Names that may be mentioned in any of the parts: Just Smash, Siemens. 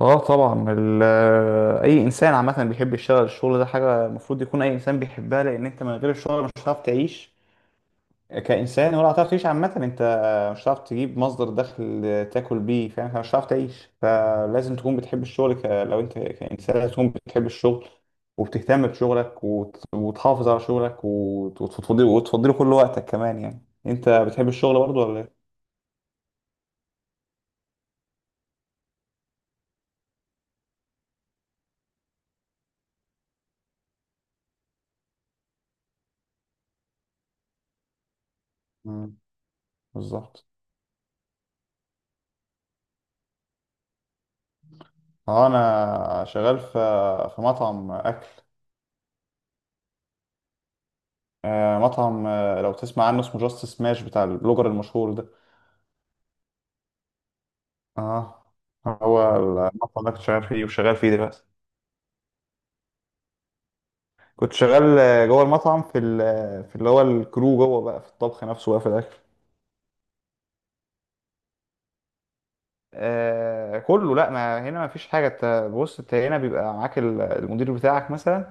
اه طبعا اي انسان عامه بيحب يشتغل. الشغل ده حاجه المفروض يكون اي انسان بيحبها، لان انت من غير الشغل مش هتعرف تعيش كانسان، ولا هتعرف تعيش عامه. انت مش هتعرف تجيب مصدر دخل تاكل بيه، فاهم؟ مش هتعرف تعيش، فلازم تكون بتحب الشغل. لو انت كانسان لازم تكون بتحب الشغل وبتهتم بشغلك وتحافظ على شغلك وتفضيله كل وقتك كمان. يعني انت بتحب الشغل برضه ولا ايه؟ مم، بالظبط. اه انا شغال في مطعم اكل. مطعم، لو تسمع عنه اسمه جاست سماش بتاع البلوجر المشهور ده. اه. هو المطعم ده كنت شغال فيه وشغال فيه دلوقتي. كنت شغال جوه المطعم في في اللي هو الكرو، جوه بقى في الطبخ نفسه بقى، في الاكل. آه كله، لا ما هنا ما فيش حاجه. انت بص، انت هنا بيبقى معاك المدير بتاعك مثلا،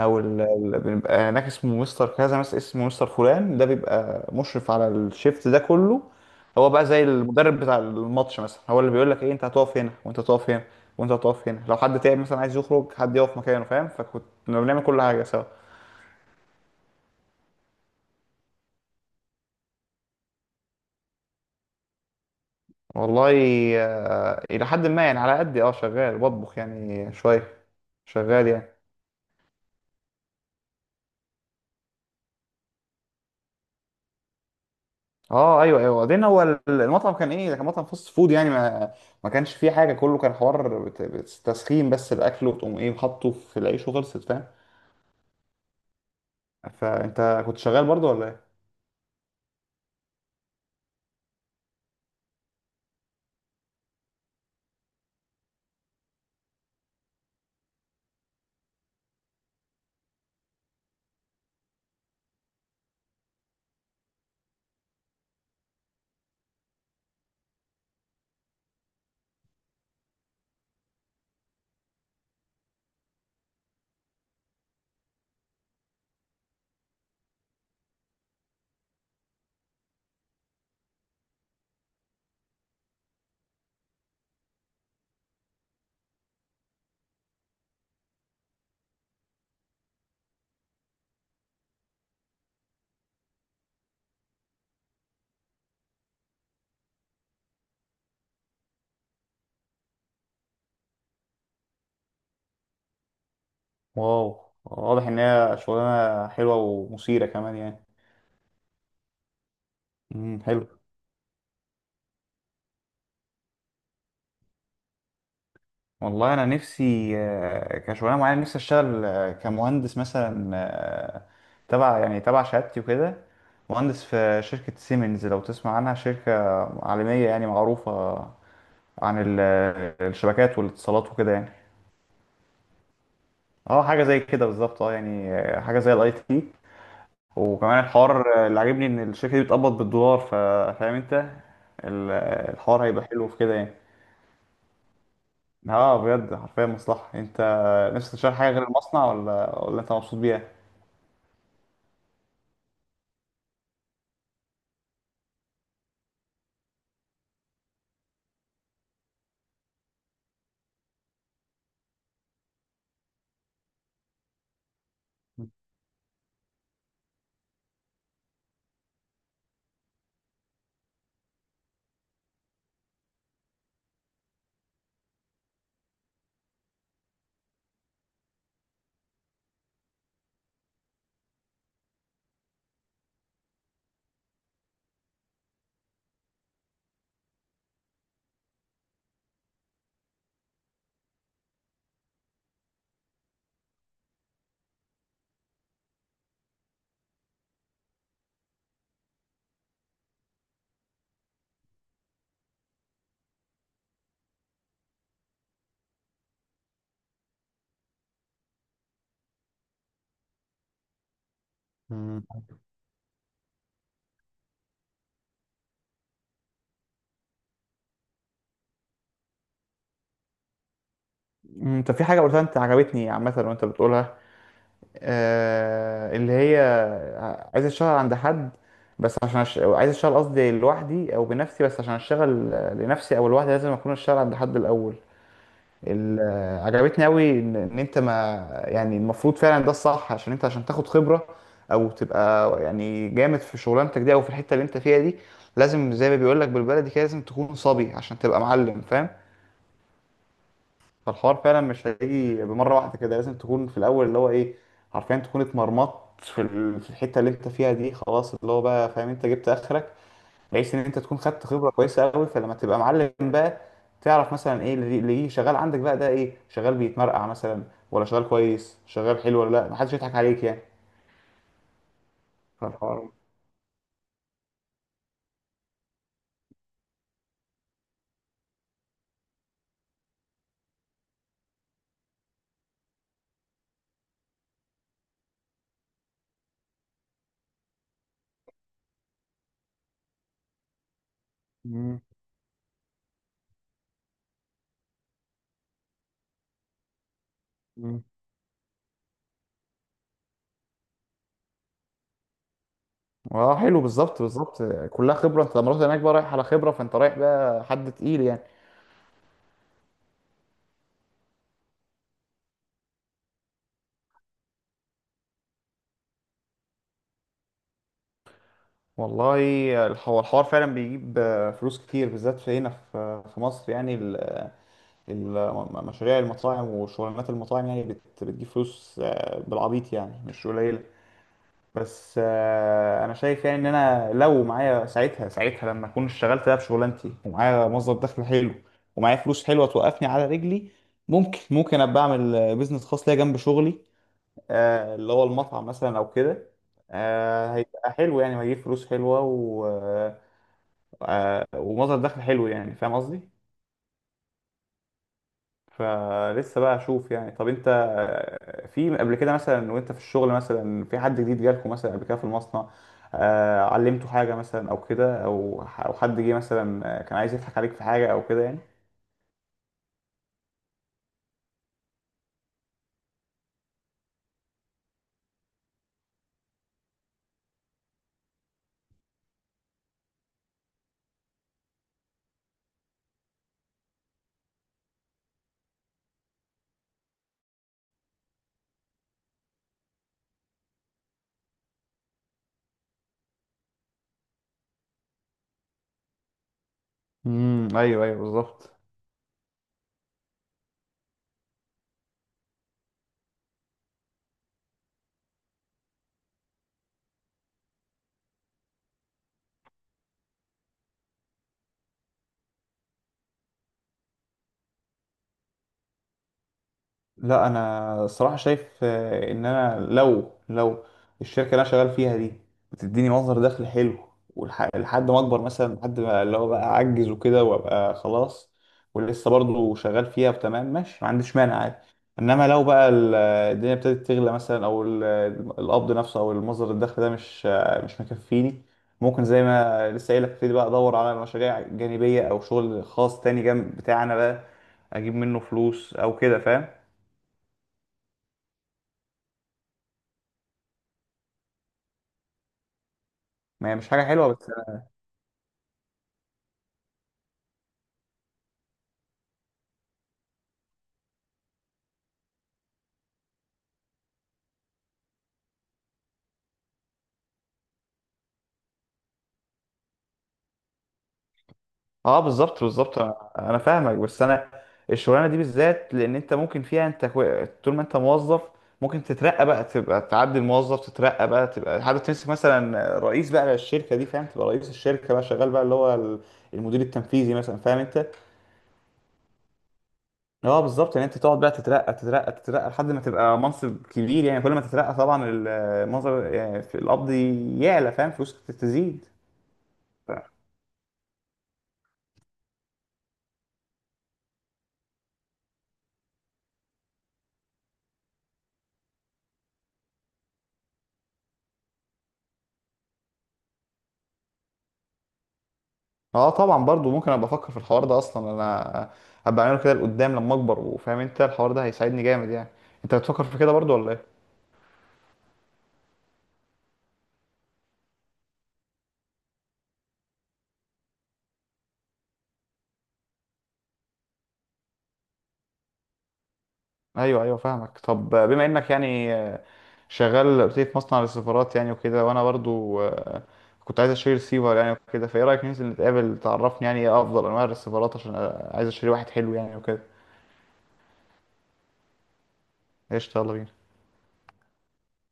او بيبقى هناك اسمه مستر كذا، مثلا اسمه مستر فلان، ده بيبقى مشرف على الشيفت ده كله. هو بقى زي المدرب بتاع الماتش مثلا، هو اللي بيقول لك ايه، انت هتقف هنا وانت هتقف هنا وانت هتقف هنا. لو حد تعب مثلا، عايز يخرج، حد يقف مكانه، فاهم؟ فكنت كنا بنعمل كل حاجه سوا. والله الى حد ما، يعني على قد اه شغال بطبخ يعني شويه، شغال يعني. اه ايوه ايوه. وبعدين هو المطعم كان ايه، ده كان مطعم فاست فود، يعني ما كانش فيه حاجه، كله كان حوار تسخين بس الاكل، وتقوم ايه حاطه في العيش وخلصت، فاهم؟ فانت كنت شغال برضه ولا ايه؟ واو، واضح ان هي شغلانه حلوه ومثيره كمان يعني. امم، حلو. والله انا نفسي كشغلانه معينه نفسي اشتغل كمهندس مثلا، تبع يعني تبع شهادتي وكده. مهندس في شركه سيمنز، لو تسمع عنها، شركه عالميه يعني معروفه عن الشبكات والاتصالات وكده يعني. اه حاجه زي كده بالظبط، اه يعني حاجه زي الاي تي. وكمان الحوار اللي عاجبني ان الشركه دي بتقبض بالدولار، فاهم انت؟ الحوار هيبقى حلو في كده يعني. اه بجد، حرفيا مصلحه. انت نفسك تشتغل حاجه غير المصنع ولا انت مبسوط بيها؟ مم. انت في حاجه قلتها انت عجبتني عامه وانت بتقولها، اللي هي عايز اشتغل عند حد بس عشان عايز اشتغل قصدي لوحدي او بنفسي، بس عشان اشتغل لنفسي او لوحدي لازم اكون اشتغل عند حد الاول. عجبتني قوي ان إن انت ما يعني المفروض فعلا ده الصح، عشان انت عشان تاخد خبرة او تبقى يعني جامد في شغلانتك دي او في الحتة اللي انت فيها دي، لازم زي ما بيقول لك بالبلدي كده، لازم تكون صبي عشان تبقى معلم، فاهم؟ فالحوار فعلا مش هيجي بمرة واحدة كده، لازم تكون في الأول اللي هو إيه، حرفيا تكون اتمرمطت في في الحتة اللي أنت فيها دي، خلاص اللي هو بقى فاهم أنت جبت آخرك، بحيث إن أنت تكون خدت خبرة كويسة أوي. فلما تبقى معلم بقى تعرف مثلا إيه اللي شغال عندك بقى، ده إيه، شغال بيتمرقع مثلا ولا شغال كويس، شغال حلو ولا لأ، محدش يضحك عليك يعني. فالحوار. مم. مم. اه حلو، بالظبط بالظبط. كلها خبرة. أنت لما رحت هناك بقى رايح على خبرة، فأنت رايح بقى حد تقيل يعني. والله، هو الحوار فعلا بيجيب فلوس كتير، بالذات في هنا في مصر، يعني مشاريع المطاعم وشغلانات المطاعم يعني بتجيب فلوس بالعبيط يعني، مش قليلة. بس انا شايف يعني ان انا لو معايا ساعتها لما اكون اشتغلت بقى بشغلانتي، ومعايا مصدر دخل حلو ومعايا فلوس حلوة توقفني على رجلي، ممكن ابقى اعمل بيزنس خاص ليا جنب شغلي، اللي هو المطعم مثلا او كده. هيبقى حلو يعني، وهيجيب فلوس حلوة ومصدر دخل حلو يعني، فاهم قصدي؟ فلسه بقى اشوف يعني. طب انت في قبل كده مثلا وانت في الشغل، مثلا في حد جديد جالكوا مثلا قبل كده في المصنع علمته حاجة مثلا او كده، او او حد جه مثلا كان عايز يضحك عليك في حاجة او كده يعني؟ ايوه ايوه بالظبط. لا انا الصراحه شايف ان انا لو الشركه اللي انا شغال فيها دي بتديني مصدر دخل حلو، لحد ما اكبر مثلا، لحد ما اللي هو بقى اعجز وكده وابقى خلاص ولسه برضو شغال فيها، تمام ماشي، ما عنديش مانع عادي. انما لو بقى الدنيا ابتدت تغلى مثلا، او القبض نفسه او المصدر الدخل ده مش مش مكفيني، ممكن زي ما لسه قايل لك ابتدي بقى ادور على مشاريع جانبيه او شغل خاص تاني جنب بتاعنا بقى، اجيب منه فلوس او كده، فاهم؟ ما هي مش حاجه حلوه بس. اه بالظبط بالظبط. أنا فاهمك، بس انا الشغلانه دي بالذات لان انت ممكن فيها انت طول ما انت موظف ممكن تترقى بقى تبقى تعدي الموظف، تترقى بقى تبقى حابب تمسك مثلا رئيس بقى للشركه دي، فاهم؟ تبقى رئيس الشركه بقى، شغال بقى اللي هو المدير التنفيذي مثلا، فاهم انت؟ اه بالظبط، ان انت تقعد بقى تترقى لحد ما تبقى منصب كبير، يعني كل ما تترقى طبعا المنظر يعني في القبض يعلى، فاهم؟ فلوسك تزيد. اه طبعا، برضو ممكن ابقى افكر في الحوار ده، اصلا انا ابقى اعمله كده لقدام لما اكبر، وفاهم انت الحوار ده هيساعدني جامد يعني. انت بتفكر في كده برضو ولا ايه؟ ايوه ايوه فاهمك. طب بما انك يعني شغال قلت لي في مصنع للسيرفرات يعني وكده، وانا برضو كنت عايز اشتري ريسيفر يعني وكده، فايه رايك ننزل نتقابل تعرفني يعني ايه افضل انواع الريسيفرات، عشان عايز اشتري واحد حلو يعني وكده. قشطة، يلا بينا.